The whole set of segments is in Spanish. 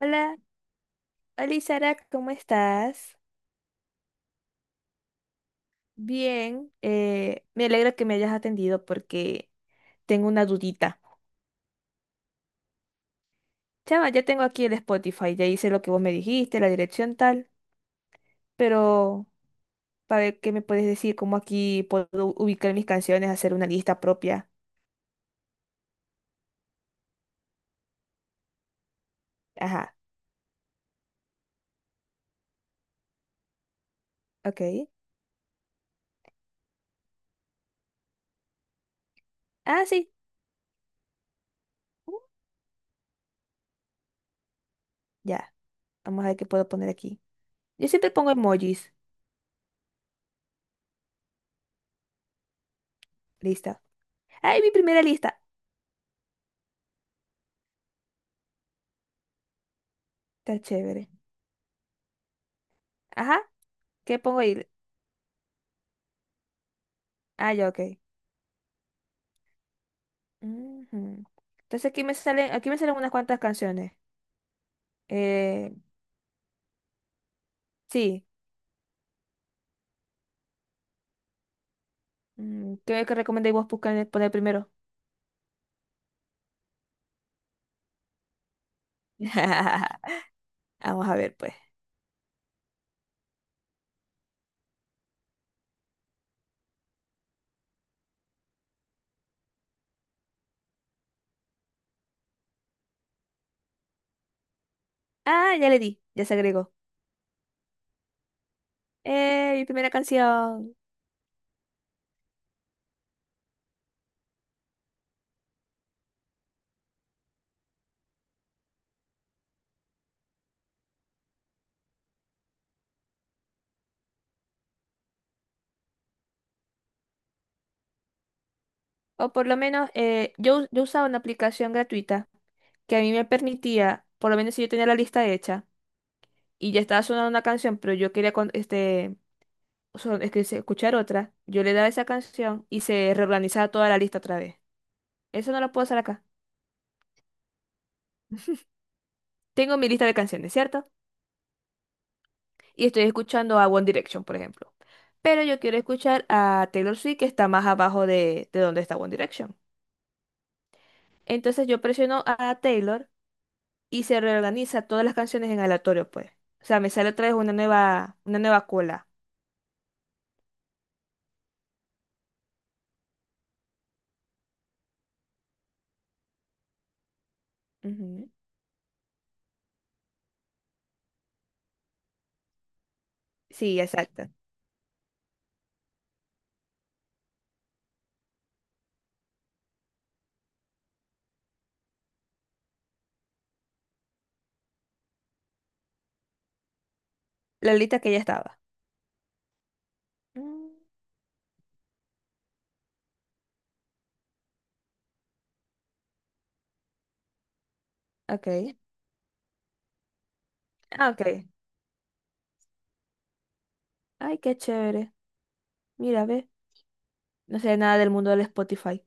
Hola, hola Sara, ¿cómo estás? Bien, me alegra que me hayas atendido porque tengo una dudita. Chama, ya tengo aquí el Spotify, ya hice lo que vos me dijiste, la dirección tal, pero para ver qué me puedes decir, cómo aquí puedo ubicar mis canciones, hacer una lista propia. Ajá, ok. Ah, sí. Uh, ya, vamos a ver qué puedo poner aquí. Yo siempre pongo emojis, lista. ¡Ay, mi primera lista! Está chévere. Ajá, ¿qué pongo ahí? Ah, ya, ok. Ujú. Entonces aquí me salen unas cuantas canciones. Eh, sí. Mm, ¿qué, qué recomendáis vos buscar, poner primero? Vamos a ver, pues. Ah, ya le di, ya se agregó. Mi primera canción. O por lo menos yo usaba una aplicación gratuita que a mí me permitía, por lo menos si yo tenía la lista hecha y ya estaba sonando una canción, pero yo quería este, escuchar otra, yo le daba esa canción y se reorganizaba toda la lista otra vez. Eso no lo puedo hacer acá. Tengo mi lista de canciones, ¿cierto? Y estoy escuchando a One Direction, por ejemplo. Pero yo quiero escuchar a Taylor Swift, que está más abajo de donde está One Direction. Entonces yo presiono a Taylor y se reorganiza todas las canciones en aleatorio, pues. O sea, me sale otra vez una nueva cola. Ujú. Sí, exacto. La lista que ya estaba. Mm, ok. Ah, ok. Ay, qué chévere. Mira, ve. No sé nada del mundo del Spotify.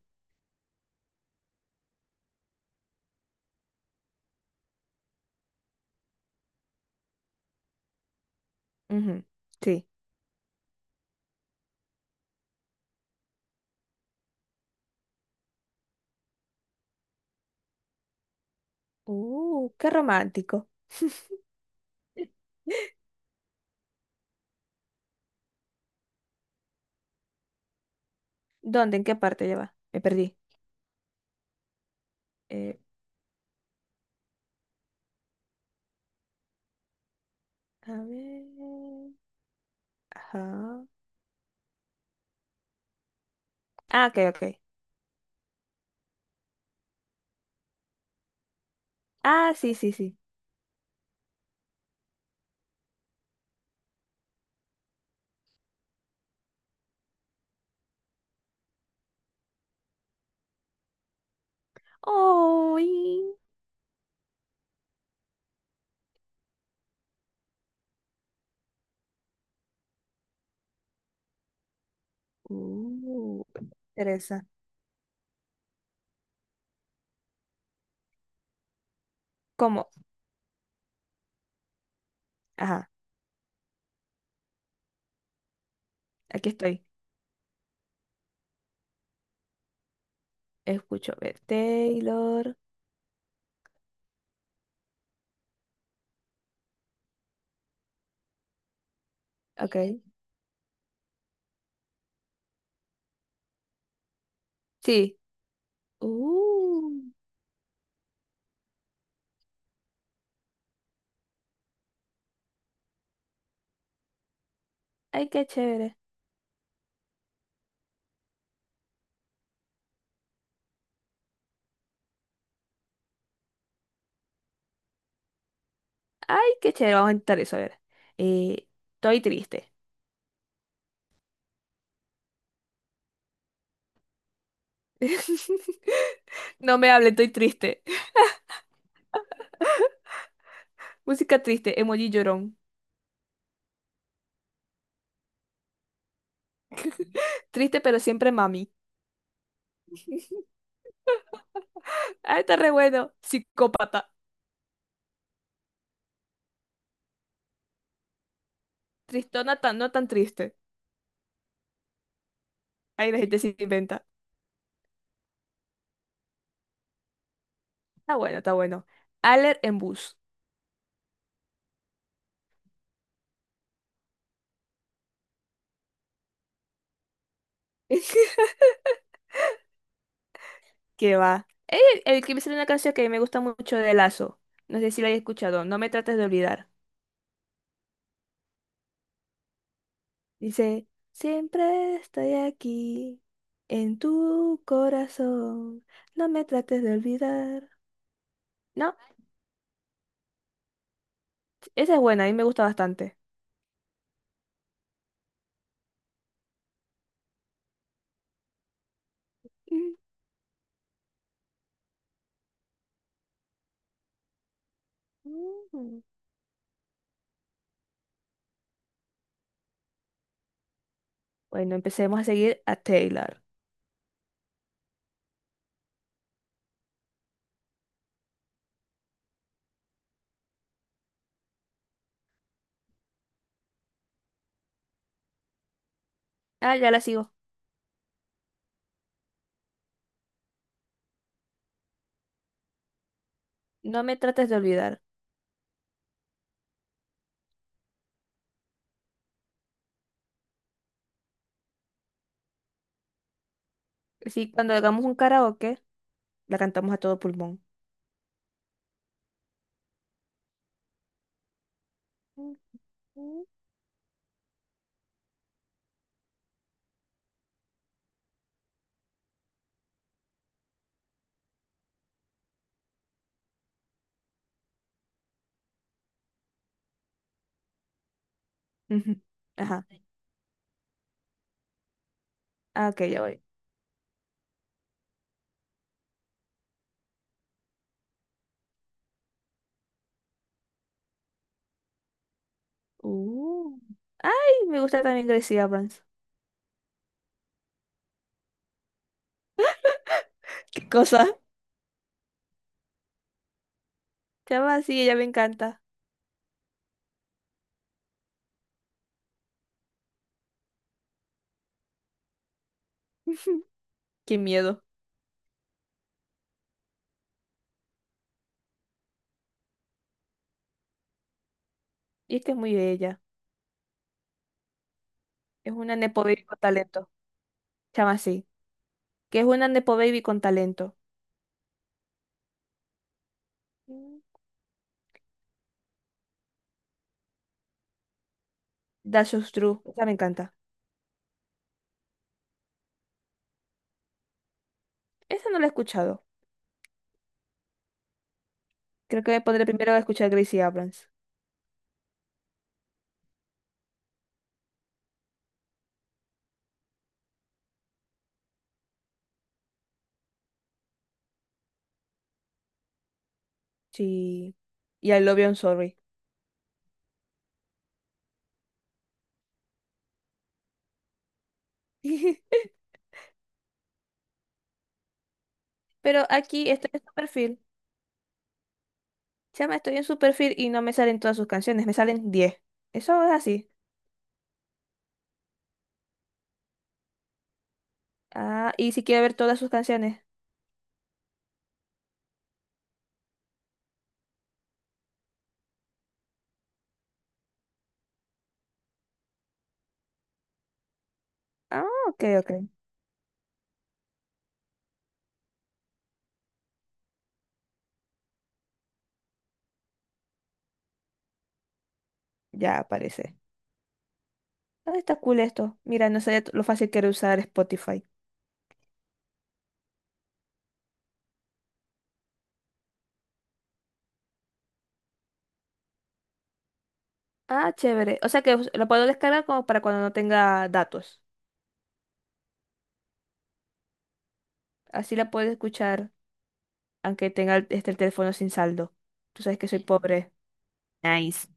Ujú. Sí. Qué romántico. ¿Dónde? ¿En qué parte lleva? Me perdí. Eh, a ver. Ajá. Ah, ok, ok. Ah, sí, sí, sí. ¡Ay! Uh, Teresa. ¿Cómo? Ajá, aquí estoy. Escucho, Taylor. Ok. Sí. Uh, ay, qué chévere. Ay, qué chévere. Vamos a intentar eso. A ver. Eh, Estoy triste. No me hable, estoy triste. Música triste, emoji llorón. Triste, pero siempre mami. Ah, está re bueno. Psicópata. Tristona tan, no tan triste. Ahí la gente se inventa. Está bueno, está bueno. Aller en bus. ¿Qué va? Que me sale una canción que me gusta mucho de Lazo. No sé si la hayas escuchado. No me trates de olvidar. Dice, siempre estoy aquí, en tu corazón. No me trates de olvidar. No, esa es buena, a mí me gusta bastante. Mm. Mm. Bueno, empecemos a seguir a Taylor. Ah, ya la sigo. No me trates de olvidar. Sí, cuando hagamos un karaoke, la cantamos a todo pulmón. Ujú. Ujú. Ajá. Ah, ok, ya voy. Uh. Ay, me gusta también Gracie Abrams. ¿Qué cosa? Chava, sí, ella me encanta. Qué miedo. Y es que es muy bella. Es una nepo baby con talento. Chama, sí. Que es una nepo baby con talento. Mm. That's so true. Esa me encanta. Esa no la he escuchado. Creo que me pondré primero a escuchar Gracie Abrams. Sí. Y I Love You, I'm Sorry. Pero aquí este es tu perfil. Chama, estoy en su perfil y no me salen todas sus canciones, me salen 10. Eso es así. Ah, y si quiero ver todas sus canciones. Ah, ok, ok. Ya aparece. Ah, está cool esto. Mira, no sé lo fácil que era usar Spotify. Ah, chévere. O sea que lo puedo descargar como para cuando no tenga datos. Así la puedo escuchar, aunque tenga este, el teléfono sin saldo. Tú sabes que soy pobre. Nice.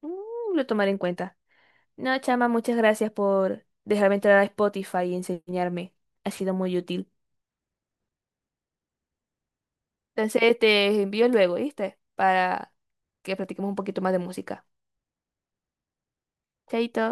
Mm, lo tomaré en cuenta. No, chama, muchas gracias por dejarme entrar a Spotify y enseñarme. Ha sido muy útil. Entonces te envío luego, ¿viste? Para que practiquemos un poquito más de música. Chaito.